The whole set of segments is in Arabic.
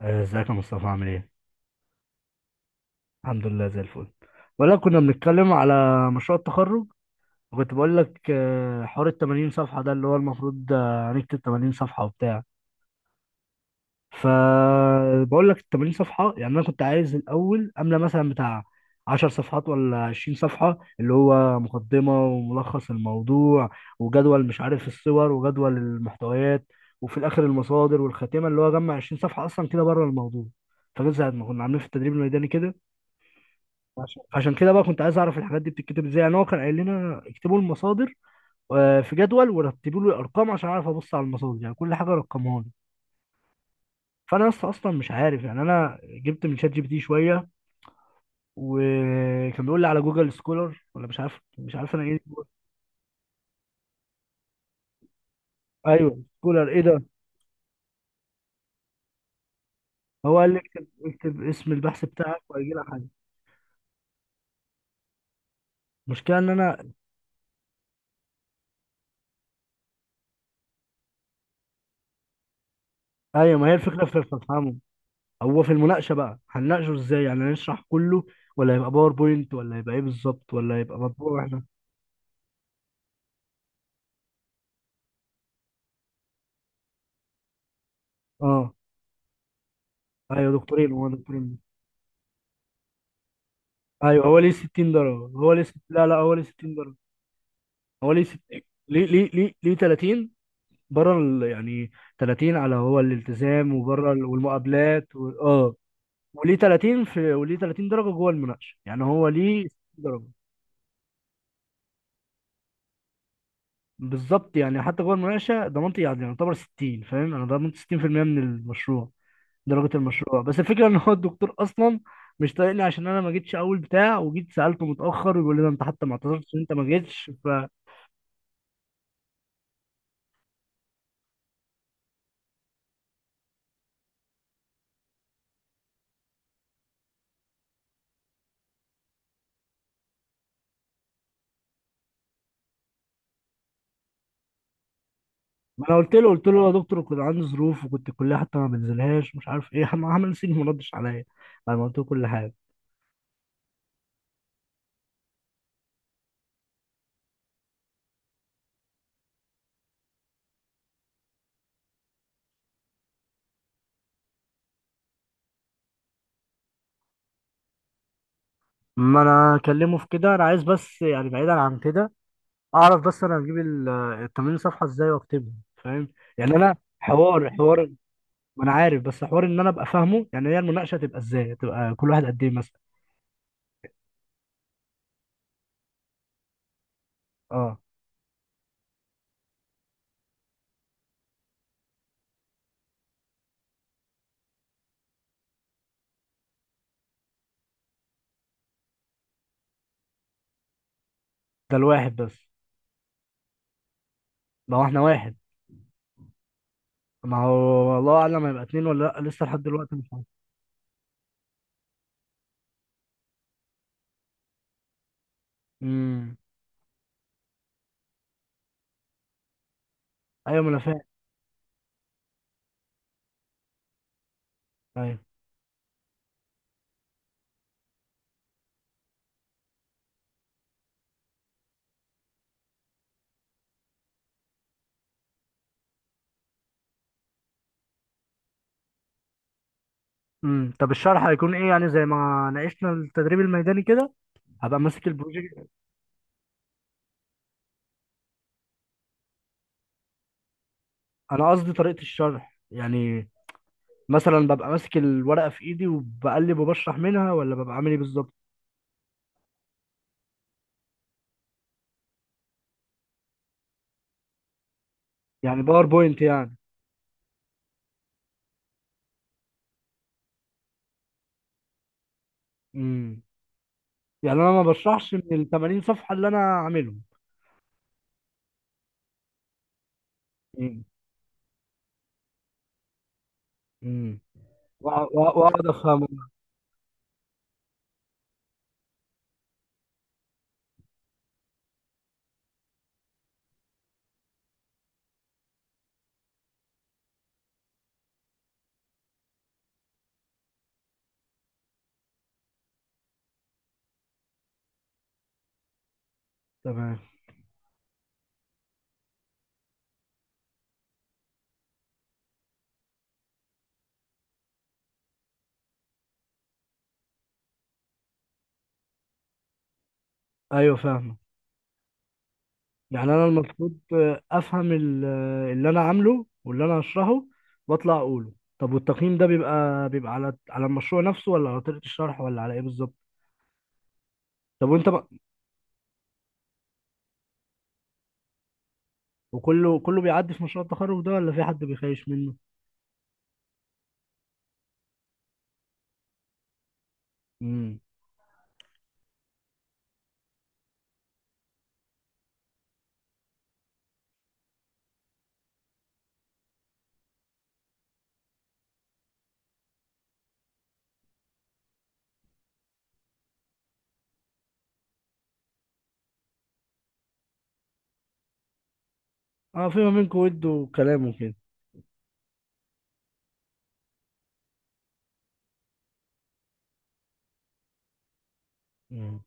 ازيك يا مصطفى، عامل ايه؟ الحمد لله زي الفل. ولا كنا بنتكلم على مشروع التخرج، وكنت بقول لك حوار ال 80 صفحة ده اللي هو المفروض هنكتب 80 صفحة وبتاع. فبقول لك ال 80 صفحة، يعني انا كنت عايز الاول املى مثلا بتاع 10 صفحات ولا 20 صفحة، اللي هو مقدمة وملخص الموضوع وجدول، مش عارف، الصور وجدول المحتويات، وفي الاخر المصادر والخاتمة، اللي هو جمع 20 صفحة اصلا كده بره الموضوع. فجزء ما كنا عاملين في التدريب الميداني كده. عشان كده بقى كنت عايز اعرف الحاجات دي بتتكتب ازاي. يعني هو كان قايل لنا اكتبوا المصادر في جدول، ورتبوا لي الارقام عشان اعرف ابص على المصادر، يعني كل حاجه رقمها لي. فانا لسه اصلا مش عارف، يعني انا جبت من شات جي بي تي شويه، وكان بيقول لي على جوجل سكولر ولا مش عارف انا ايه. ايوه، سكولر ايه ده؟ هو قال لي اكتب اكتب اسم البحث بتاعك وهيجي لك حاجه. المشكله ان انا... ايوه، ما هي الفكره في افهمه. هو في المناقشه بقى هنناقشه ازاي؟ يعني هنشرح كله، ولا هيبقى باوربوينت، ولا هيبقى ايه بالظبط، ولا هيبقى مطبوع؟ اه، ايوه، دكتورين، هو دكتورين. ايوه، هو ليه 60 درجه، هو ليه لا لا، هو ليه 60 درجه. هو ليه ليه 30 بره يعني 30 على هو الالتزام، وبره ال... والمقابلات و... اه. وليه 30 درجه جوه المناقشه، يعني هو ليه 60 درجه. بالظبط، يعني حتى جوه المناقشه ضمنت، يعني يعتبر 60، فاهم، انا ضمنت 60% من المشروع، درجة المشروع. بس الفكرة ان هو الدكتور اصلا مش طايقني، عشان انا ما جيتش اول بتاع، وجيت سألته متأخر، يقول لي ده انت حتى ما اعتذرتش إن انت ما جيتش. فانا قلت له يا دكتور كنت عندي ظروف، وكنت الكلية حتى ما بنزلهاش، مش عارف ايه عمل سيني، ما ردش عليا بعد ما قلت له كل حاجة. ما انا اكلمه في كده، انا عايز بس، يعني بعيدا عن كده، اعرف بس انا هجيب ال 80 صفحة ازاي واكتبهم، فاهم؟ يعني انا حوار ما انا عارف، بس حوار ان انا ابقى فاهمه. يعني هي المناقشة تبقى ازاي؟ تبقى كل واحد قد ايه مثلا؟ اه، ده الواحد بس؟ ما هو احنا واحد. ما هو الله اعلم هيبقى اتنين ولا لا، لسه لحد دلوقتي مش عارف. امم. ايوه، ما انا فاهم. ايوه. امم. طب الشرح هيكون ايه؟ يعني زي ما ناقشنا التدريب الميداني كده، هبقى ماسك البروجكت. انا قصدي طريقه الشرح يعني، مثلا ببقى ماسك الورقه في ايدي وبقلب وبشرح منها، ولا ببقى عامل ايه بالظبط؟ يعني باوربوينت يعني؟ امم يعني انا ما بشرحش من ال 80 صفحه اللي انا عاملهم؟ امم. امم. واقعد افهمهم. تمام. ايوه، فاهم. يعني انا المفروض افهم اللي انا عامله واللي انا هشرحه، واطلع اقوله. طب، والتقييم ده بيبقى على المشروع نفسه، ولا على طريقة الشرح، ولا على ايه بالظبط؟ طب، وانت بقى، وكله بيعدي في مشروع التخرج ده، ولا في حد بيخايش منه؟ امم. اه، في ما بينكم ود وكلام وكده. امم.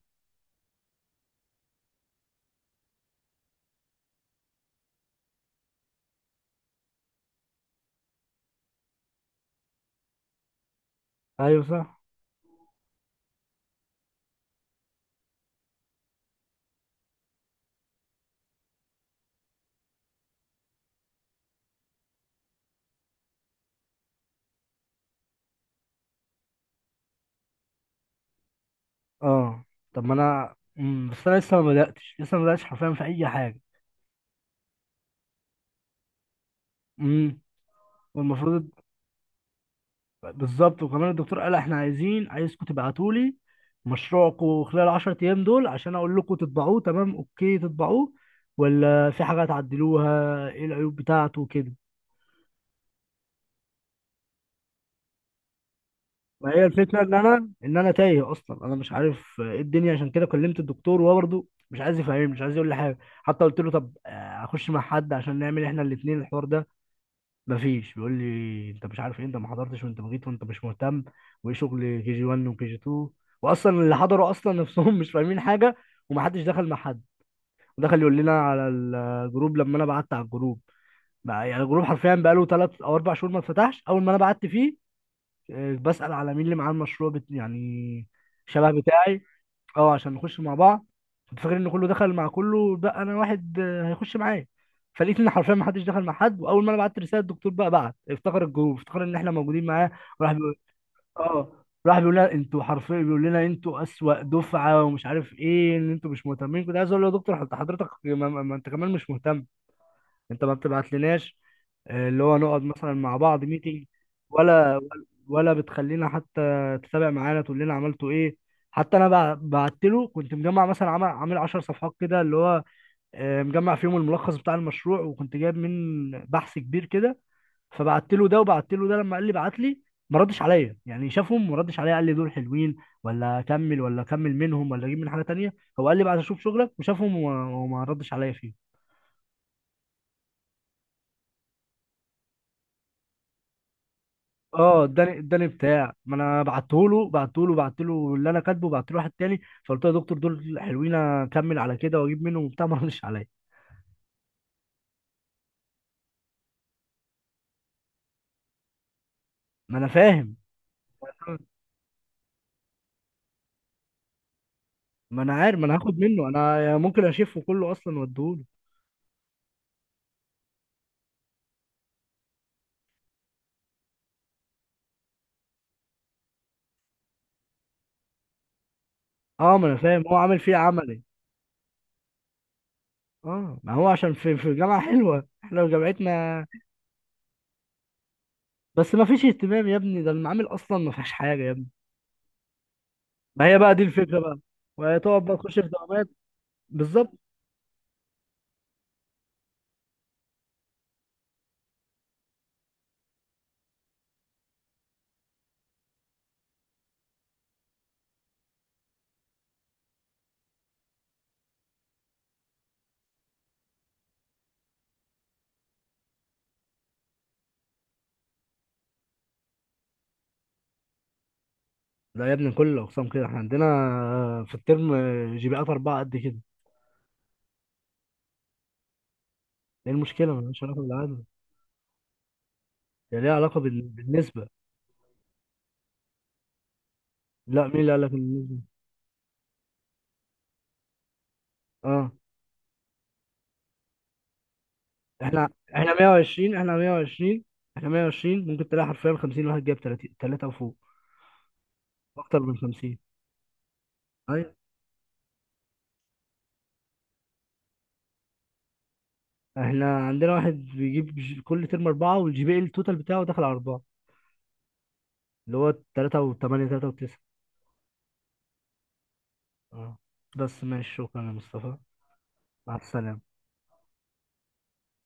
ايوه، صح. اه، طب ما انا... بس انا لسه ما بداتش، لسه ما بداتش حرفيا في اي حاجه. امم. والمفروض... بالظبط، وكمان الدكتور قال احنا عايزين، عايزكم تبعتوا لي مشروعكم خلال 10 ايام دول، عشان اقول لكم تطبعوه، تمام اوكي تطبعوه، ولا في حاجه تعدلوها، ايه العيوب بتاعته وكده. ما هي الفكره ان انا، ان انا تايه اصلا، انا مش عارف ايه الدنيا، عشان كده كلمت الدكتور وهو برضه مش عايز يفهمني، مش عايز يقول لي حاجه. حتى قلت له طب اخش مع حد، عشان نعمل احنا الاثنين الحوار ده، مفيش. بيقول لي انت مش عارف ايه، انت ما حضرتش، وانت بغيت، وانت مش مهتم، وايه شغل كي جي 1 وكي جي 2، واصلا اللي حضروا اصلا نفسهم مش فاهمين حاجه، ومحدش دخل مع حد. ودخل يقول لنا على الجروب لما انا بعت على الجروب. يعني الجروب حرفيا بقاله 3 او 4 شهور ما اتفتحش، اول ما انا بعت فيه بسال على مين اللي معاه المشروع يعني شبه بتاعي، اه، عشان نخش مع بعض. كنت فاكر ان كله دخل مع كله، بقى انا واحد هيخش معايا. فلقيت ان حرفيا ما حدش دخل مع حد. واول ما انا بعت رساله، الدكتور بقى بعت افتكر الجروب، افتكر ان احنا موجودين معاه وراح بيقول... اه، راح بيقول لنا انتوا، حرفيا بيقول لنا انتوا اسوأ دفعه، ومش عارف ايه، ان انتوا مش مهتمين. كنت عايز اقول له يا دكتور حضرتك، ما انت كمان مش مهتم، انت ما بتبعتلناش اللي هو نقعد مثلا مع بعض ميتنج، ولا ولا بتخلينا حتى تتابع معانا، تقول لنا عملتوا ايه. حتى انا بعت له، كنت مجمع مثلا عامل 10 صفحات كده اللي هو مجمع فيهم الملخص بتاع المشروع، وكنت جايب من بحث كبير كده. فبعت له ده، وبعت له ده، لما قال لي بعت لي، ما ردش عليا، يعني شافهم ما ردش عليا قال لي دول حلوين ولا اكمل، ولا اكمل منهم، ولا اجيب من حاجه تانية. هو قال لي بعد اشوف شغلك، وشافهم وما ردش عليا فيه. اه، اداني بتاع، ما انا بعته له بعت له اللي انا كاتبه، بعت له واحد تاني. فقلت له يا دكتور دول حلوين، اكمل على كده واجيب منه وبتاع ما ردش عليا. ما انا فاهم. ما انا عارف، ما انا هاخد منه، انا ممكن اشفه كله اصلا واديهوله. اه، ما انا فاهم، هو عامل فيه عملي. اه، ما هو عشان في جامعه حلوه، احنا جامعتنا بس ما فيش اهتمام يا ابني، ده المعامل اصلا ما فيهاش حاجه يا ابني. ما هي بقى دي الفكره بقى، وتقعد بقى تخش في دوامات، بالظبط. لا يا ابني، كل الاقسام كده، احنا عندنا في الترم جي بي ات اربعه قد كده. ايه المشكله؟ مالهاش علاقه بالعدد، هي ليها علاقه بالنسبه. لا، مين اللي قال لك إن النسبه؟ اه، احنا احنا 120، احنا 120، احنا 120. ممكن تلاقي حرفيا 50 واحد جاب 30 ثلاثه وفوق، اكتر من 50. ايوه. احنا عندنا واحد بيجيب كل ترم اربعه، والجي بي التوتال بتاعه داخل على اربعه، اللي هو 3 و8، 3 و9. اه، بس ماشي، شكرا يا مصطفى. مع السلامه.